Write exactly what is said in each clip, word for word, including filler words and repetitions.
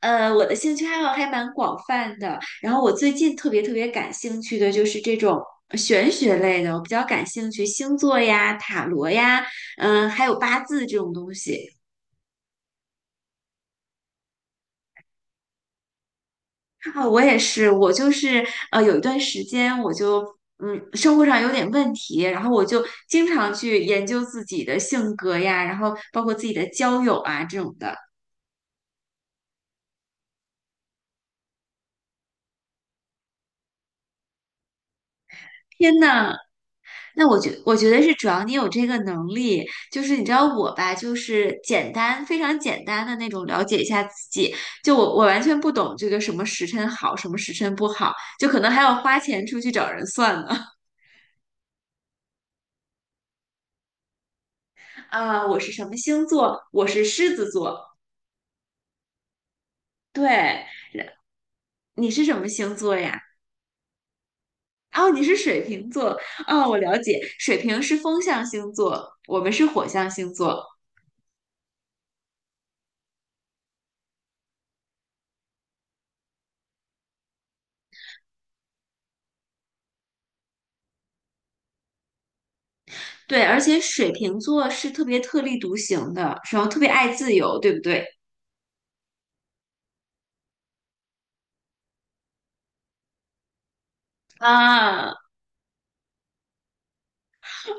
呃，我的兴趣爱好还蛮广泛的。然后我最近特别特别感兴趣的就是这种呃玄学类的，我比较感兴趣星座呀、塔罗呀，嗯、还有八字这种东西。啊，我也是，我就是呃，有一段时间我就嗯，生活上有点问题，然后我就经常去研究自己的性格呀，然后包括自己的交友啊这种的。天呐，那我觉我觉得是主要你有这个能力，就是你知道我吧，就是简单非常简单的那种了解一下自己，就我我完全不懂这个什么时辰好，什么时辰不好，就可能还要花钱出去找人算呢。啊，我是什么星座？我是狮子座。对，你是什么星座呀？哦，你是水瓶座。哦，我了解，水瓶是风象星座，我们是火象星座。对，而且水瓶座是特别特立独行的，然后特别爱自由，对不对？啊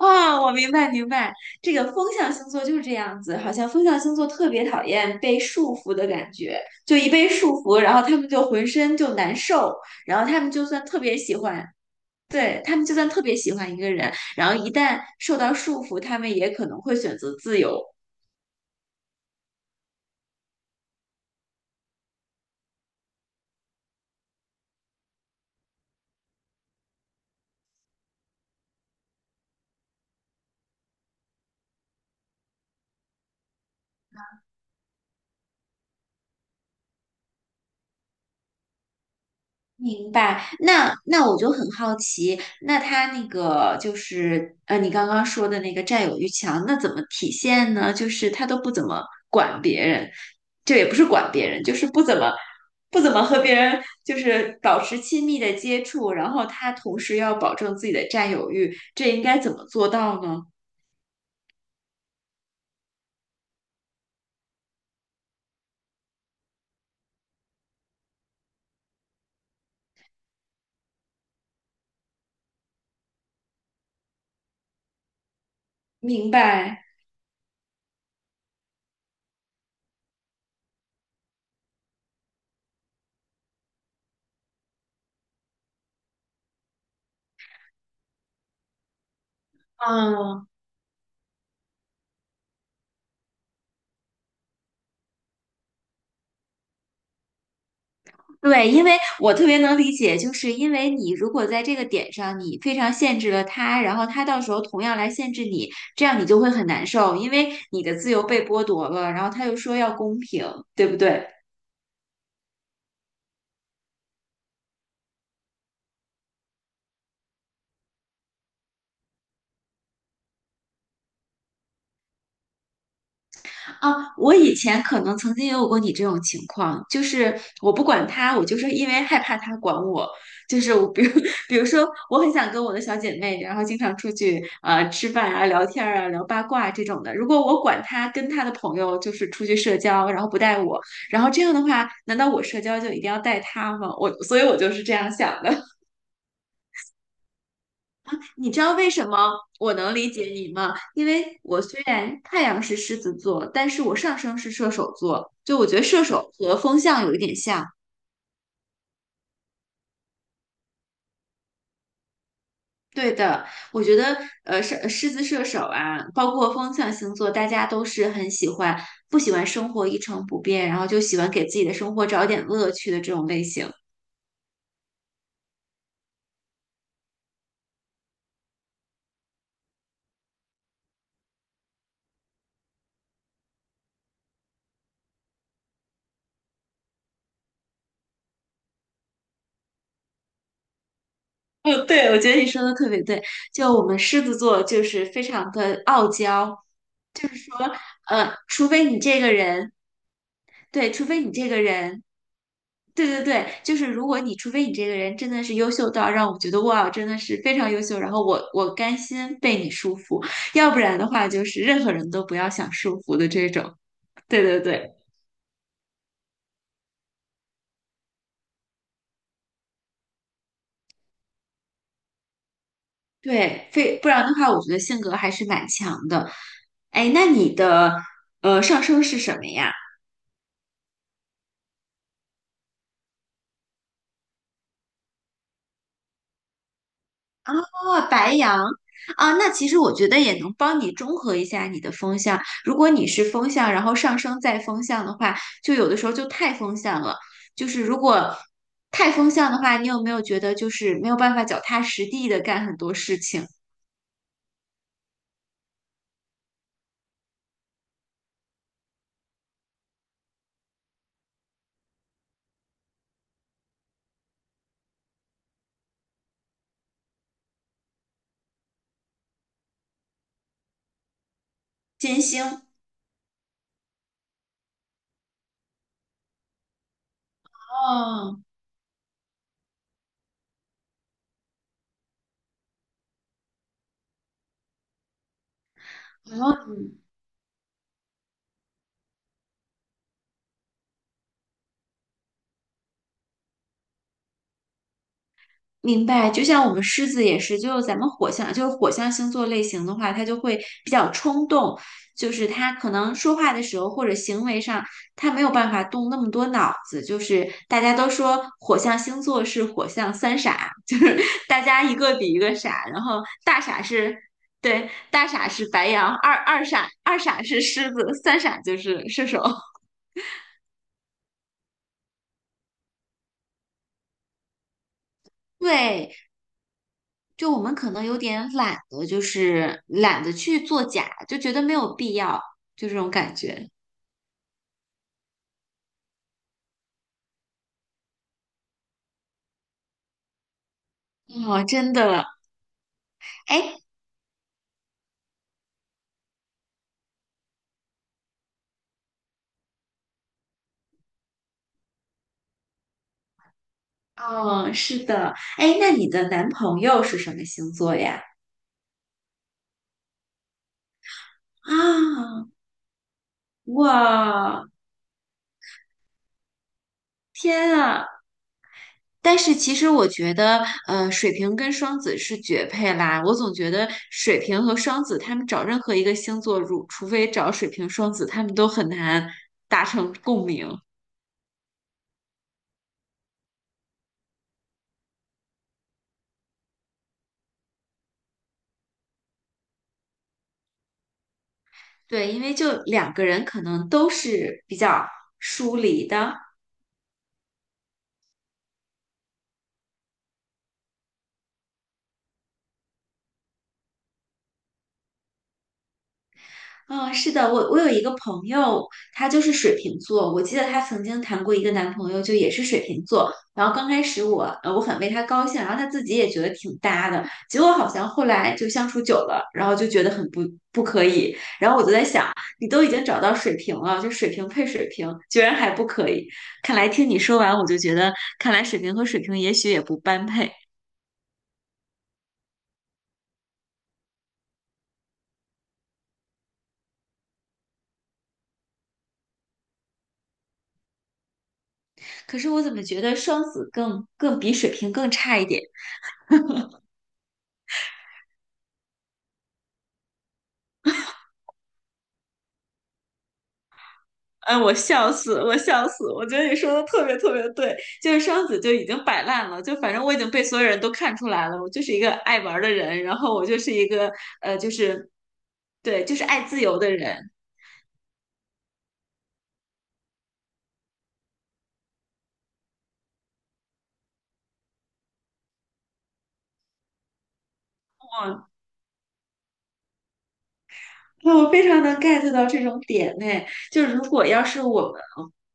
啊！我明白明白，这个风象星座就是这样子，好像风象星座特别讨厌被束缚的感觉，就一被束缚，然后他们就浑身就难受，然后他们就算特别喜欢，对，他们就算特别喜欢一个人，然后一旦受到束缚，他们也可能会选择自由。明白，那那我就很好奇，那他那个就是呃，你刚刚说的那个占有欲强，那怎么体现呢？就是他都不怎么管别人，这也不是管别人，就是不怎么不怎么和别人就是保持亲密的接触，然后他同时要保证自己的占有欲，这应该怎么做到呢？明白，嗯，对，因为我特别能理解，就是因为你如果在这个点上，你非常限制了他，然后他到时候同样来限制你，这样你就会很难受，因为你的自由被剥夺了，然后他又说要公平，对不对？啊，我以前可能曾经也有过你这种情况，就是我不管他，我就是因为害怕他管我，就是我比如 比如说，我很想跟我的小姐妹，然后经常出去呃吃饭啊、聊天儿啊、聊八卦这种的。如果我管他跟他的朋友就是出去社交，然后不带我，然后这样的话，难道我社交就一定要带他吗？我所以我就是这样想的。你知道为什么我能理解你吗？因为我虽然太阳是狮子座，但是我上升是射手座，就我觉得射手和风象有一点像。对的，我觉得呃，狮狮子射手啊，包括风象星座，大家都是很喜欢不喜欢生活一成不变，然后就喜欢给自己的生活找点乐趣的这种类型。嗯，对，我觉得你说的特别对。就我们狮子座就是非常的傲娇，呃，除非你这个人，对，除非你这个人。对对对，就是如果你除非你这个人真的是优秀到让我觉得哇，真的是非常优秀，然后我我甘心被你束缚，要不然的话就是任何人都不要想束缚的这种。对对对对，非不然的话，我觉得性格还是蛮强的。哎，那你的呃上升是什么呀？哦，白羊啊，那其实我觉得也能帮你中和一下你的风向。如果你是风向，然后上升再风向的话，就有的时候就太风向了。就是如果太风向的话，你有没有觉得就是没有办法脚踏实地的干很多事情？金星，哦，明白，就像我们狮子也是，就咱们火象，就是火象星座类型的话，它就会比较冲动，就是他可能说话的时候或者行为上，他没有办法动那么多脑子。就是大家都说火象星座是火象三傻，就是大家一个比一个傻，然后大傻是，对，大傻是白羊，二二傻二傻是狮子，三傻就是射手。对，就我们可能有点懒得，就是懒得去做假，就觉得没有必要，就这种感觉。哦，真的，哎，哦，是的，哎，那你的男朋友是什么星座呀？啊，哇，天啊！但是其实我觉得，呃，水瓶跟双子是绝配啦。我总觉得水瓶和双子，他们找任何一个星座，如除非找水瓶、双子，他们都很难达成共鸣。对，因为就两个人可能都是比较疏离的。嗯，是的，我我有一个朋友，他就是水瓶座，我记得她曾经谈过一个男朋友，就也是水瓶座。然后刚开始我呃我很为他高兴，然后他自己也觉得挺搭的，结果好像后来就相处久了，然后就觉得很不不可以。然后我就在想，你都已经找到水瓶了，就水瓶配水瓶，居然还不可以？看来听你说完，我就觉得，看来水瓶和水瓶也许也不般配。可是我怎么觉得双子更更比水瓶更差一点？哎，我笑死，我笑死！我觉得你说的特别特别对，就是双子就已经摆烂了，就反正我已经被所有人都看出来了，我就是一个爱玩的人，然后我就是一个呃，就是对，就是爱自由的人。那我非常能 get 到这种点呢，就是如果要是我们，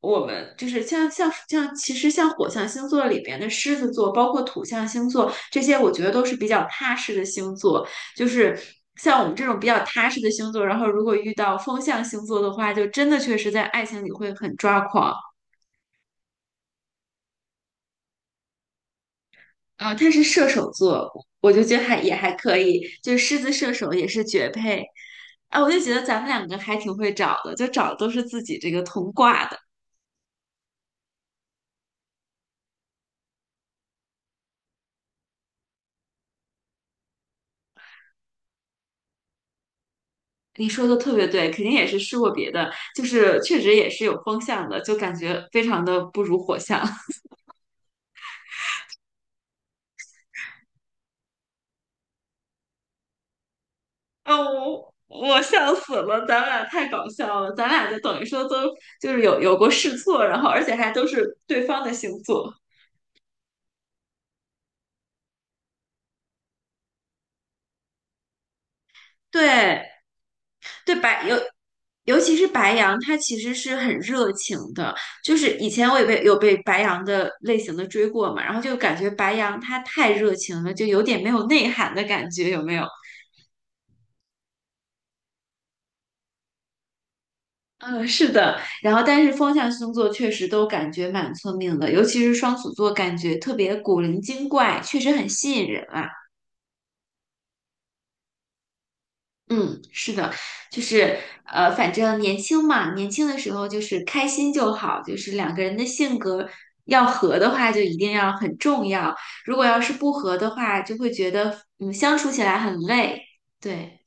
我们就是像像像，其实像火象星座里边的狮子座，包括土象星座这些，我觉得都是比较踏实的星座。就是像我们这种比较踏实的星座，然后如果遇到风象星座的话，就真的确实在爱情里会很抓狂。啊、他是射手座，我就觉得还也还可以，就是狮子射手也是绝配。啊，我就觉得咱们两个还挺会找的，就找的都是自己这个同挂的。你说的特别对，肯定也是试过别的，就是确实也是有风向的，就感觉非常的不如火象。啊，我我笑死了，咱俩太搞笑了，咱俩就等于说都就是有有过试错，然后而且还都是对方的星座。对对，白尤尤其是白羊，他其实是很热情的。就是以前我也被有被白羊的类型的追过嘛，然后就感觉白羊他太热情了，就有点没有内涵的感觉，有没有？嗯，是的，然后但是风象星座确实都感觉蛮聪明的，尤其是双子座，感觉特别古灵精怪，确实很吸引人啊。嗯，是的，就是呃，反正年轻嘛，年轻的时候就是开心就好，就是两个人的性格要合的话，就一定要很重要，如果要是不合的话，就会觉得嗯相处起来很累。对。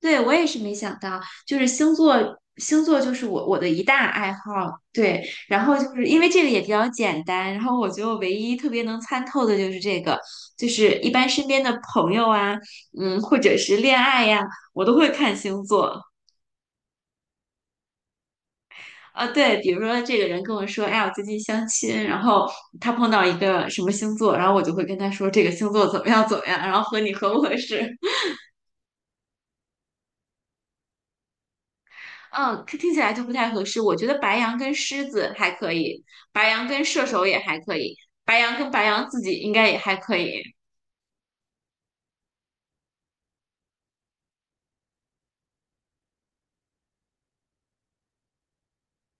对，我也是没想到，就是星座，星座就是我我的一大爱好。对，然后就是因为这个也比较简单，然后我觉得我唯一特别能参透的就是这个，就是一般身边的朋友啊，嗯，或者是恋爱呀、我都会看星座。啊，对，比如说这个人跟我说，哎呀，我最近相亲，然后他碰到一个什么星座，然后我就会跟他说这个星座怎么样怎么样，然后和你合不合适。嗯，听听起来就不太合适。我觉得白羊跟狮子还可以，白羊跟射手也还可以，白羊跟白羊自己应该也还可以。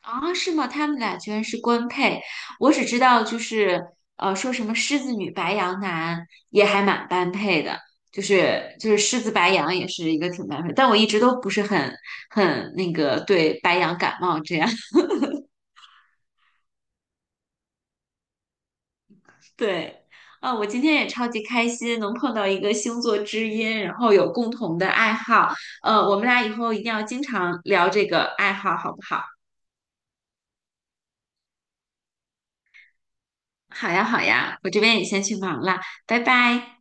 啊，是吗？他们俩居然是官配，我只知道就是呃，说什么狮子女白羊男也还蛮般配的，就是就是狮子白羊也是一个挺般配，但我一直都不是很很那个对白羊感冒这样。对，啊，我今天也超级开心，能碰到一个星座知音，然后有共同的爱好。呃，我们俩以后一定要经常聊这个爱好，好不好？好呀，好呀，我这边也先去忙了，拜拜。